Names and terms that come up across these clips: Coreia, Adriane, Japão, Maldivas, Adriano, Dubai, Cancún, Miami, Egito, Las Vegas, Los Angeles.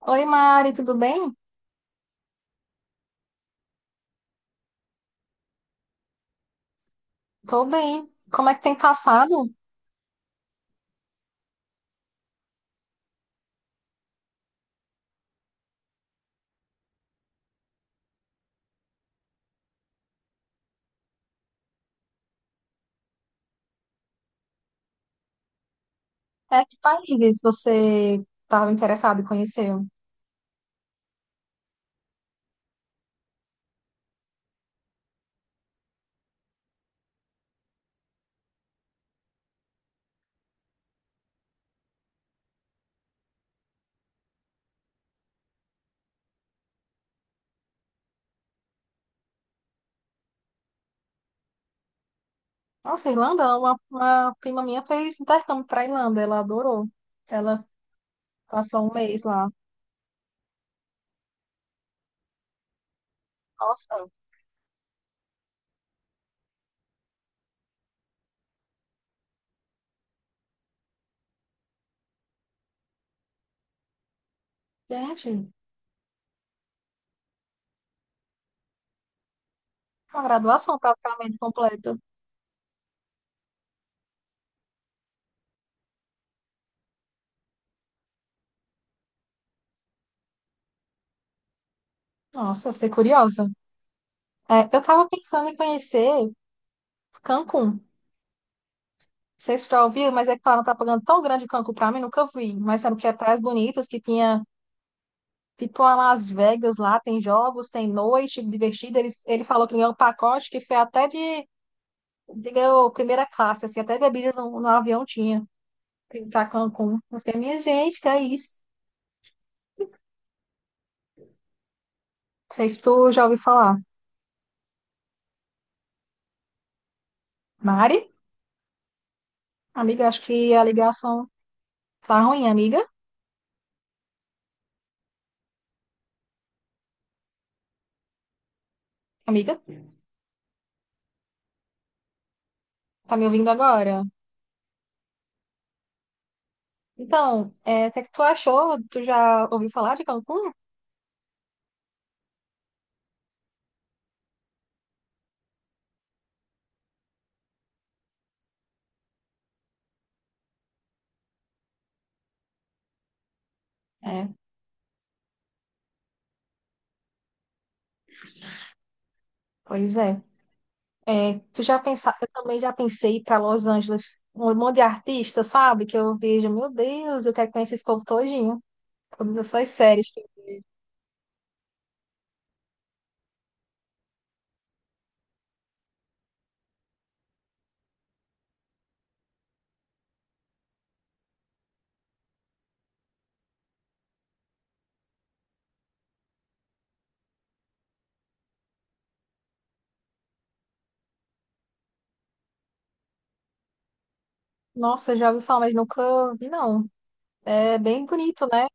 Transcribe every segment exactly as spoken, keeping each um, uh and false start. Oi, Mari, tudo bem? Tô bem. Como é que tem passado? É, que países você estava interessado em conhecer? Nossa, Irlanda, uma, uma prima minha fez intercâmbio para Irlanda, ela adorou. Ela passou um mês lá. Nossa, gente, uma graduação praticamente completa. Nossa, eu fiquei curiosa. É, eu estava pensando em conhecer Cancún. Não sei se tu já ouviu, mas é que falaram propaganda tão grande de Cancún para mim, nunca vi. Mas sabe que é praias bonitas, que tinha tipo a Las Vegas lá, tem jogos, tem noite divertida. Ele, ele falou que ganhou um pacote que foi até de, de ganhou primeira classe, assim, até bebida no, no avião tinha pra Cancún. Eu falei, minha gente, que é isso? Não sei se tu já ouviu falar. Mari? Amiga, acho que a ligação tá ruim, amiga. Amiga, tá me ouvindo agora? Então, é, o que é que tu achou? Tu já ouviu falar de Cancún? É, pois é. É, tu já pensa... Eu também já pensei para Los Angeles, um monte de artista, sabe? Que eu vejo, meu Deus, eu quero conhecer esse povo todinho. Todas essas séries. Que... nossa, eu já ouvi falar, mas nunca vi, não. É bem bonito, né?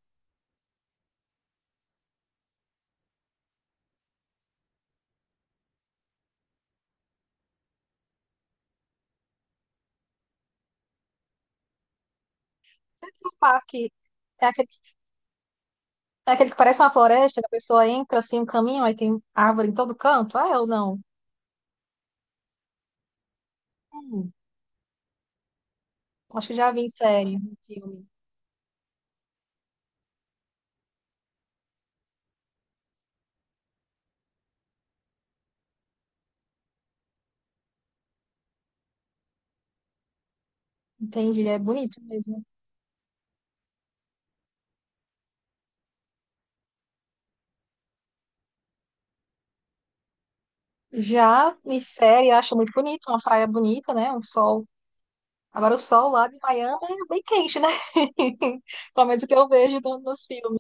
O parque. É aquele, é aquele que parece uma floresta, que a pessoa entra assim, um caminho, aí tem árvore em todo canto. Ah, eu não. Hum, acho que já vi em série, no filme. Entendi, é bonito mesmo. Já em série, eu acho muito bonito, uma praia bonita, né? Um sol... agora o sol lá de Miami é bem quente, né? Pelo menos o que eu vejo no... nos filmes.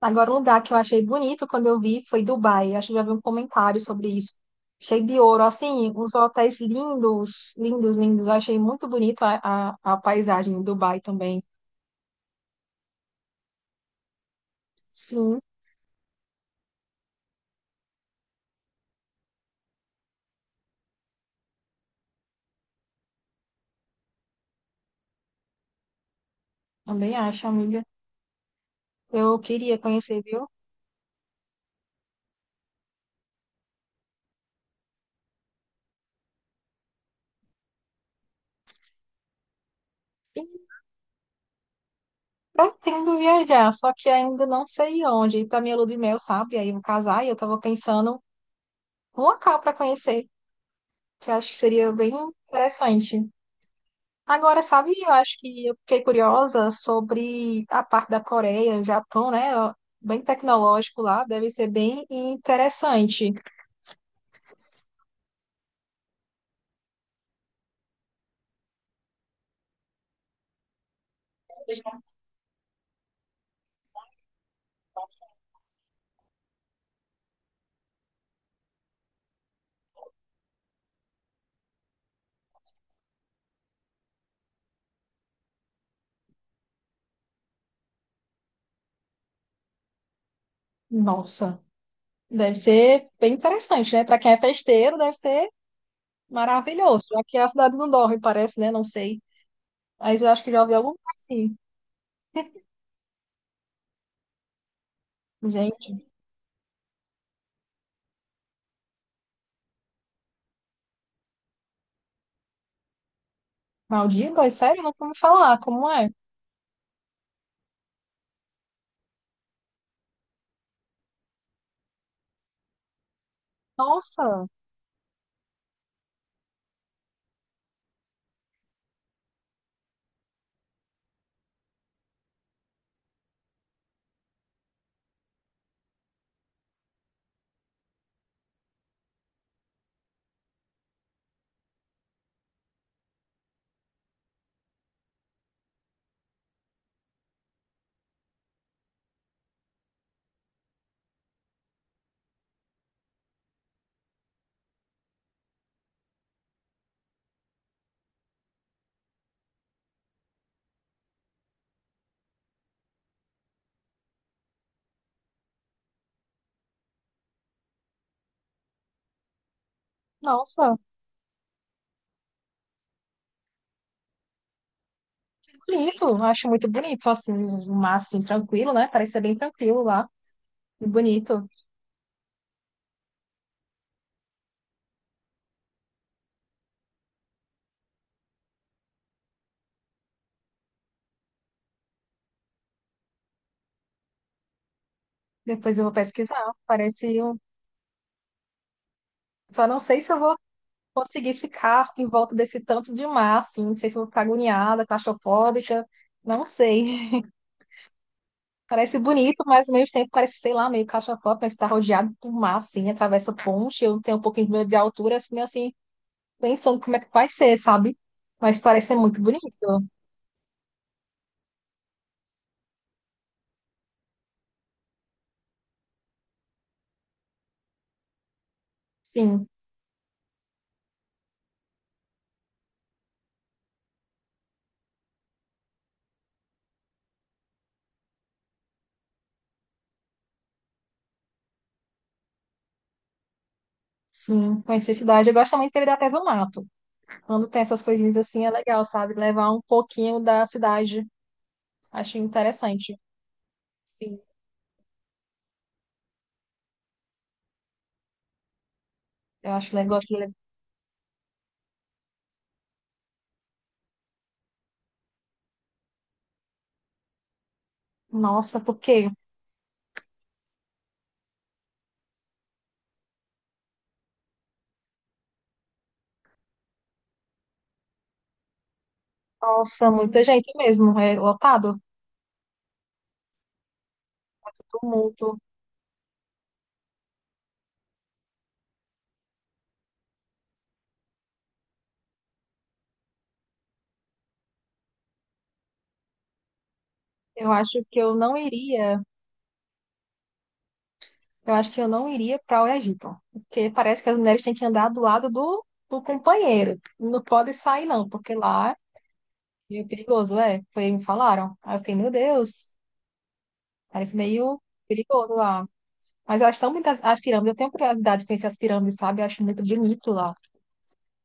Agora, um lugar que eu achei bonito quando eu vi foi Dubai. Acho que já vi um comentário sobre isso. Cheio de ouro, assim, uns hotéis lindos, lindos, lindos. Eu achei muito bonito a, a, a paisagem em Dubai também. Sim, também acho, amiga. Eu queria conhecer, viu? E pretendo viajar, só que ainda não sei onde. Para minha lua de mel, sabe? Aí eu vou casar e eu tava pensando um local para conhecer. Que acho que seria bem interessante. Agora, sabe, eu acho que eu fiquei curiosa sobre a parte da Coreia, Japão, né? Ó, bem tecnológico lá, deve ser bem interessante. Nossa, deve ser bem interessante, né? Para quem é festeiro, deve ser maravilhoso. Aqui a cidade não dorme, parece, né? Não sei. Mas eu acho que já ouvi algum lugar assim. Gente, Maldivas, sério? Não vou me falar, como é? Nossa, nossa. Bonito, eu acho muito bonito, assim, o mar, assim, tranquilo, né? Parece ser bem tranquilo lá, e bonito. Depois eu vou pesquisar, parece... um... só não sei se eu vou conseguir ficar em volta desse tanto de mar, assim, não sei se eu vou ficar agoniada, claustrofóbica, não sei. Parece bonito, mas ao mesmo tempo parece, sei lá, meio claustrofóbica, estar rodeado por mar, assim, atravessa ponte, eu tenho um pouquinho de medo de altura, eu fico meio assim, pensando como é que vai ser, sabe? Mas parece ser muito bonito, sim. Sim, conhecer a cidade. Eu gosto muito que ele dá artesanato. Quando tem essas coisinhas assim, é legal, sabe? Levar um pouquinho da cidade. Acho interessante. Sim, eu acho legal. Nossa, por quê? Nossa, muita gente mesmo. É lotado. Muito tumulto. Eu acho que eu não iria. Eu acho que eu não iria para o Egito. Porque parece que as mulheres têm que andar do lado do, do companheiro. Não pode sair, não, porque lá é meio perigoso, é. Foi, me falaram. Aí eu fiquei, meu Deus, parece meio perigoso lá. Mas eu acho tão bonitas as pirâmides. Eu tenho curiosidade de conhecer as pirâmides, sabe? Eu acho muito bonito lá.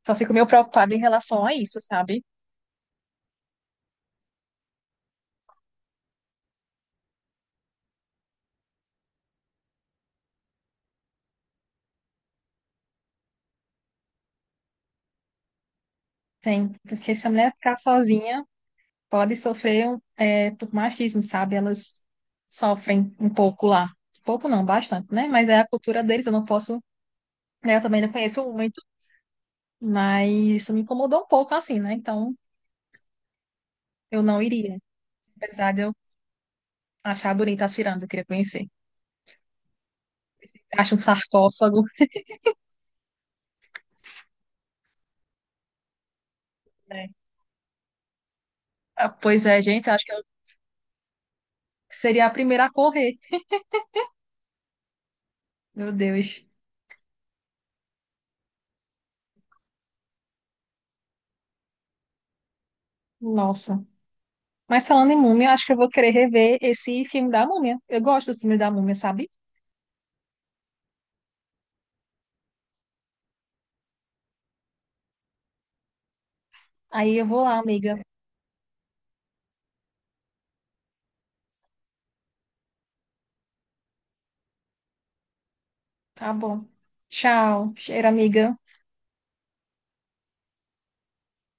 Só fico meio preocupada em relação a isso, sabe? Tem. Porque se a mulher ficar sozinha, pode sofrer um, é, por machismo, sabe? Elas sofrem um pouco lá. Pouco não, bastante, né? Mas é a cultura deles. Eu não posso. Né, eu também não conheço muito. Mas isso me incomodou um pouco, assim, né? Então eu não iria. Apesar de eu achar bonita as pirâmides, eu queria conhecer. Acho um sarcófago. Né? Ah, pois é, gente. Eu acho que eu seria a primeira a correr. Meu Deus. Nossa. Mas falando em múmia, acho que eu vou querer rever esse filme da múmia. Eu gosto do filme da múmia, sabe? Aí eu vou lá, amiga. Tá bom. Tchau. Cheiro, amiga.